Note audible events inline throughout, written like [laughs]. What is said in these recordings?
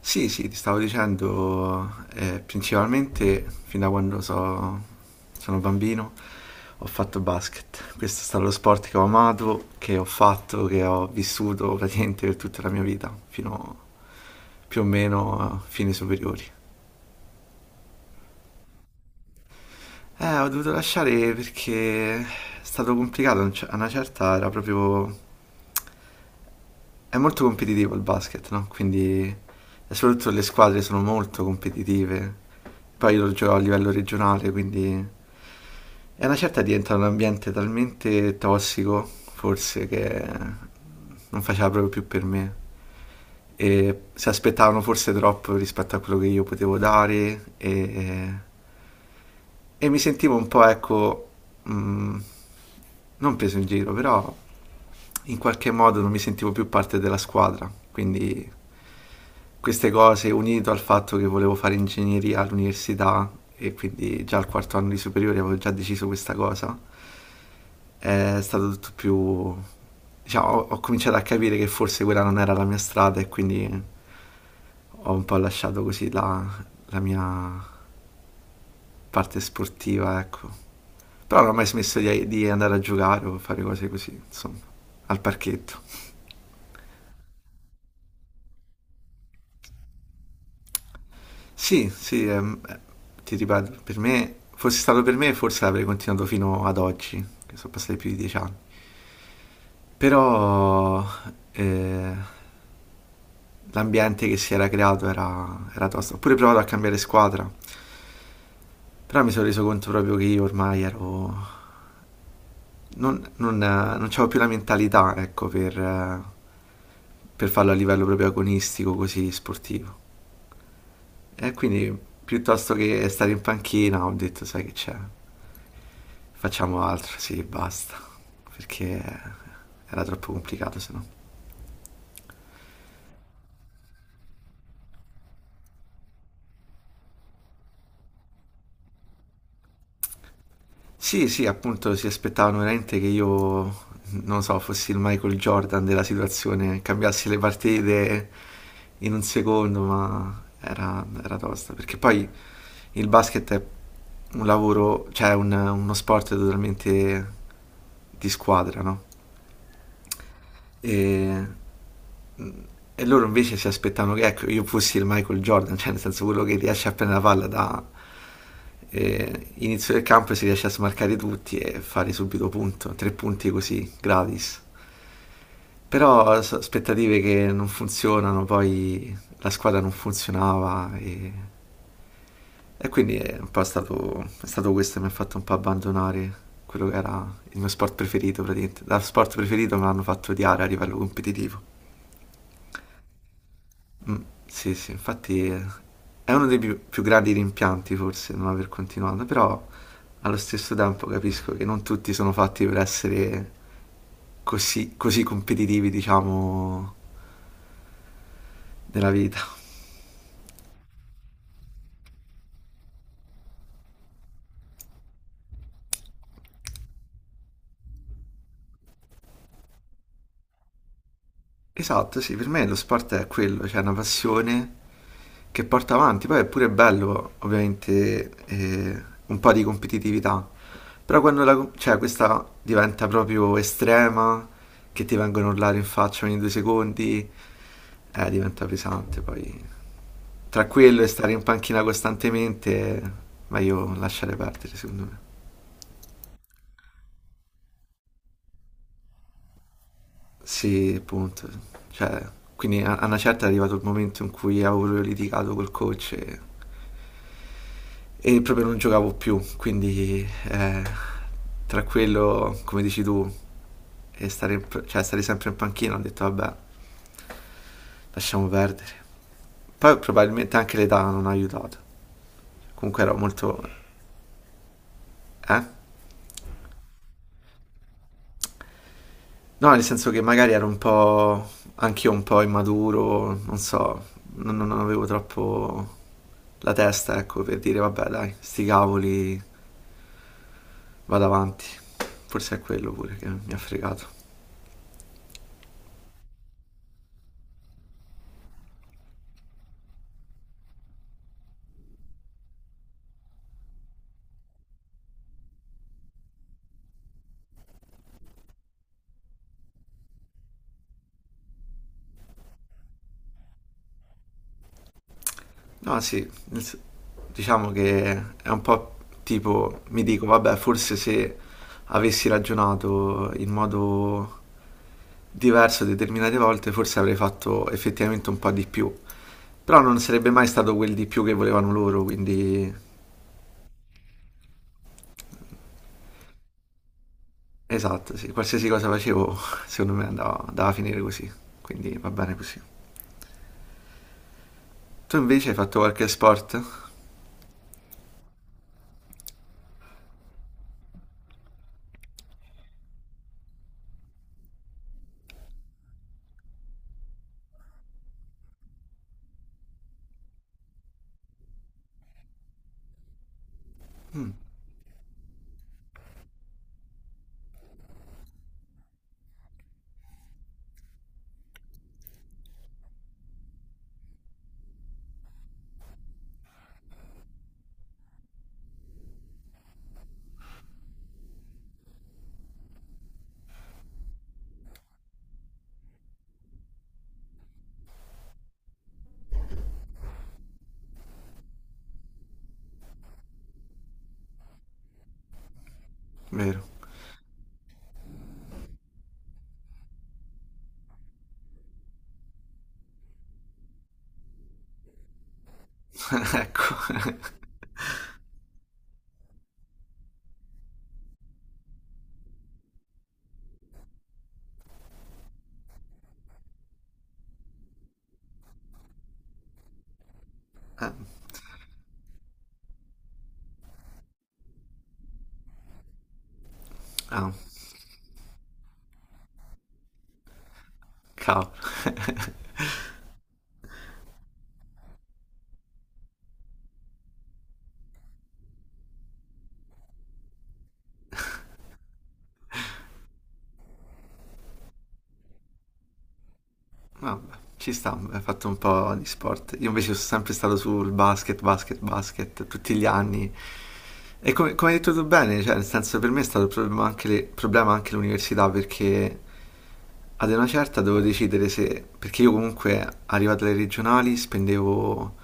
Sì, sì, ti stavo dicendo, principalmente fin da quando sono bambino ho fatto basket. Questo è stato lo sport che ho amato, che ho fatto, che ho vissuto praticamente per tutta la mia vita, fino più o meno a fine superiori. Ho dovuto lasciare perché è stato complicato, a una certa era proprio. È molto competitivo il basket, no? Quindi, e soprattutto le squadre sono molto competitive. Poi io lo gioco a livello regionale, quindi è una certa diventa un ambiente talmente tossico, forse, che non faceva proprio più per me. E si aspettavano forse troppo rispetto a quello che io potevo dare e mi sentivo un po', ecco, mh, non preso in giro, però in qualche modo non mi sentivo più parte della squadra. Quindi queste cose, unito al fatto che volevo fare ingegneria all'università e quindi già al quarto anno di superiore avevo già deciso questa cosa, è stato tutto più, diciamo, ho cominciato a capire che forse quella non era la mia strada e quindi ho un po' lasciato così la mia parte sportiva, ecco. Però non ho mai smesso di andare a giocare o fare cose così, insomma, al parchetto. Sì, sì, ti ripeto, per me, fosse stato per me, forse avrei continuato fino ad oggi, che sono passati più di 10 anni. Però eh, l'ambiente che si era creato era tosto. Ho pure provato a cambiare squadra, però mi sono reso conto proprio che io ormai ero. Non c'avevo più la mentalità, ecco, per farlo a livello proprio agonistico, così sportivo. E quindi piuttosto che stare in panchina ho detto, sai che c'è, facciamo altro, sì, basta, perché era troppo complicato se no. Sì, sì, appunto si aspettavano veramente che io, non so, fossi il Michael Jordan della situazione, cambiassi le partite in un secondo, ma era, era tosta. Perché poi il basket è un lavoro, cioè uno sport totalmente di squadra, no? E, mm, e loro invece si aspettavano che ecco, io fossi il Michael Jordan, cioè nel senso quello che riesce a prendere la palla da inizio del campo e si riesce a smarcare tutti e fare subito punto, tre punti così, gratis. Però aspettative che non funzionano, poi la squadra non funzionava e quindi è un po' stato, è stato questo che mi ha fatto un po' abbandonare quello che era il mio sport preferito praticamente. Da sport preferito me l'hanno fatto odiare a livello competitivo. Mm, sì, sì, infatti è uno dei più, più grandi rimpianti forse non aver continuato, però allo stesso tempo capisco che non tutti sono fatti per essere così, così competitivi, diciamo, nella vita. Esatto, sì, per me lo sport è quello, cioè una passione che porta avanti, poi è pure bello ovviamente un po' di competitività, però quando la, cioè, questa diventa proprio estrema, che ti vengono a urlare in faccia ogni due secondi, diventa pesante, poi tra quello e stare in panchina costantemente, meglio lasciare perdere secondo me. Sì, appunto. Cioè, quindi a una certa è arrivato il momento in cui avevo proprio litigato col coach e proprio non giocavo più. Quindi tra quello, come dici tu, e stare, cioè, stare sempre in panchina, ho detto vabbè, lasciamo perdere. Poi probabilmente anche l'età non ha aiutato. Comunque ero molto... Eh? No, nel senso che magari ero un po', anch'io un po' immaturo, non so, non avevo troppo la testa, ecco, per dire vabbè dai, sti cavoli, vado avanti. Forse è quello pure che mi ha fregato. No, sì, diciamo che è un po' tipo, mi dico vabbè, forse se avessi ragionato in modo diverso determinate volte, forse avrei fatto effettivamente un po' di più. Però non sarebbe mai stato quel di più che volevano loro, quindi esatto, sì, qualsiasi cosa facevo, [laughs] secondo me andava, andava a finire così, quindi va bene così. Tu invece hai fatto qualche sport? Vero. [laughs] Ecco. [laughs] Ah, ah, cavolo. [laughs] Vabbè, ci sta, hai fatto un po' di sport. Io invece sono sempre stato sul basket, basket, basket, tutti gli anni. E come, come hai detto tu bene, cioè, nel senso, per me è stato un problema anche problema anche l'università, perché ad una certa devo decidere se, perché io comunque arrivato alle regionali spendevo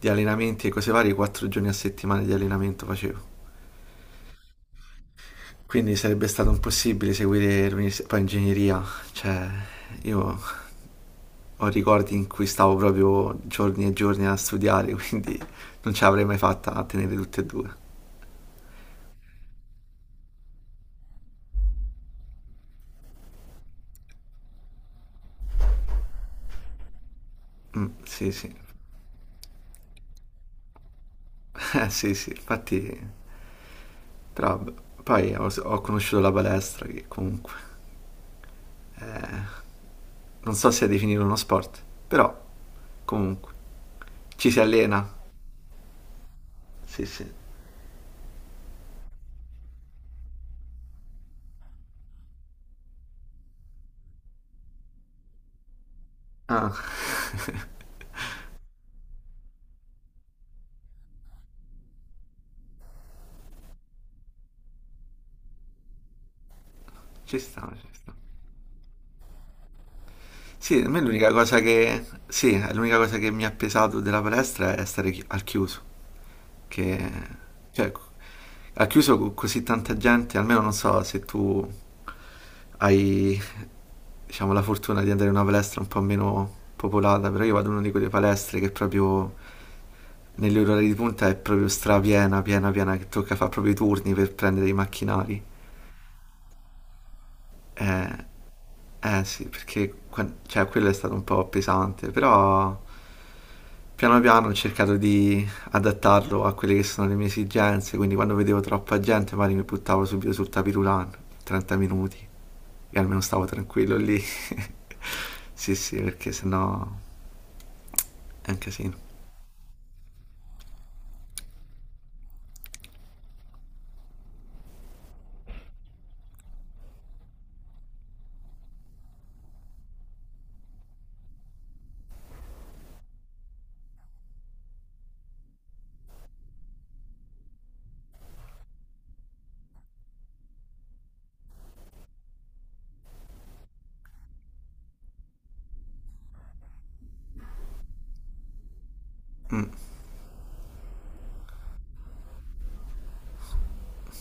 di allenamenti e cose varie, 4 giorni a settimana di allenamento facevo. Quindi sarebbe stato impossibile seguire l'università, poi ingegneria, cioè io ho ricordi in cui stavo proprio giorni e giorni a studiare, [laughs] quindi non ce l'avrei mai fatta a tenere tutte e due. Mm, sì, sì, [laughs] sì, sì, infatti, però vabbè. Poi ho conosciuto la palestra che comunque... eh, non so se definire uno sport, però comunque ci si allena. Sì, sì. Ah. [laughs] Ci sta, ci sta. Sì, a me l'unica cosa che, sì, è l'unica cosa che mi ha pesato della palestra è stare al chiuso, che, cioè, al chiuso con così tanta gente, almeno non so se tu hai, diciamo, la fortuna di andare in una palestra un po' meno popolata, però io vado in una di quelle palestre che proprio negli orari di punta è proprio strapiena, piena, piena, che tocca fare proprio i turni per prendere i macchinari. Eh, eh sì, perché cioè, quello è stato un po' pesante, però piano piano ho cercato di adattarlo a quelle che sono le mie esigenze, quindi quando vedevo troppa gente magari mi buttavo subito sul tapirulan, 30 minuti, e almeno stavo tranquillo lì. [laughs] Sì, sì, perché sennò è un casino.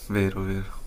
Vero, vero.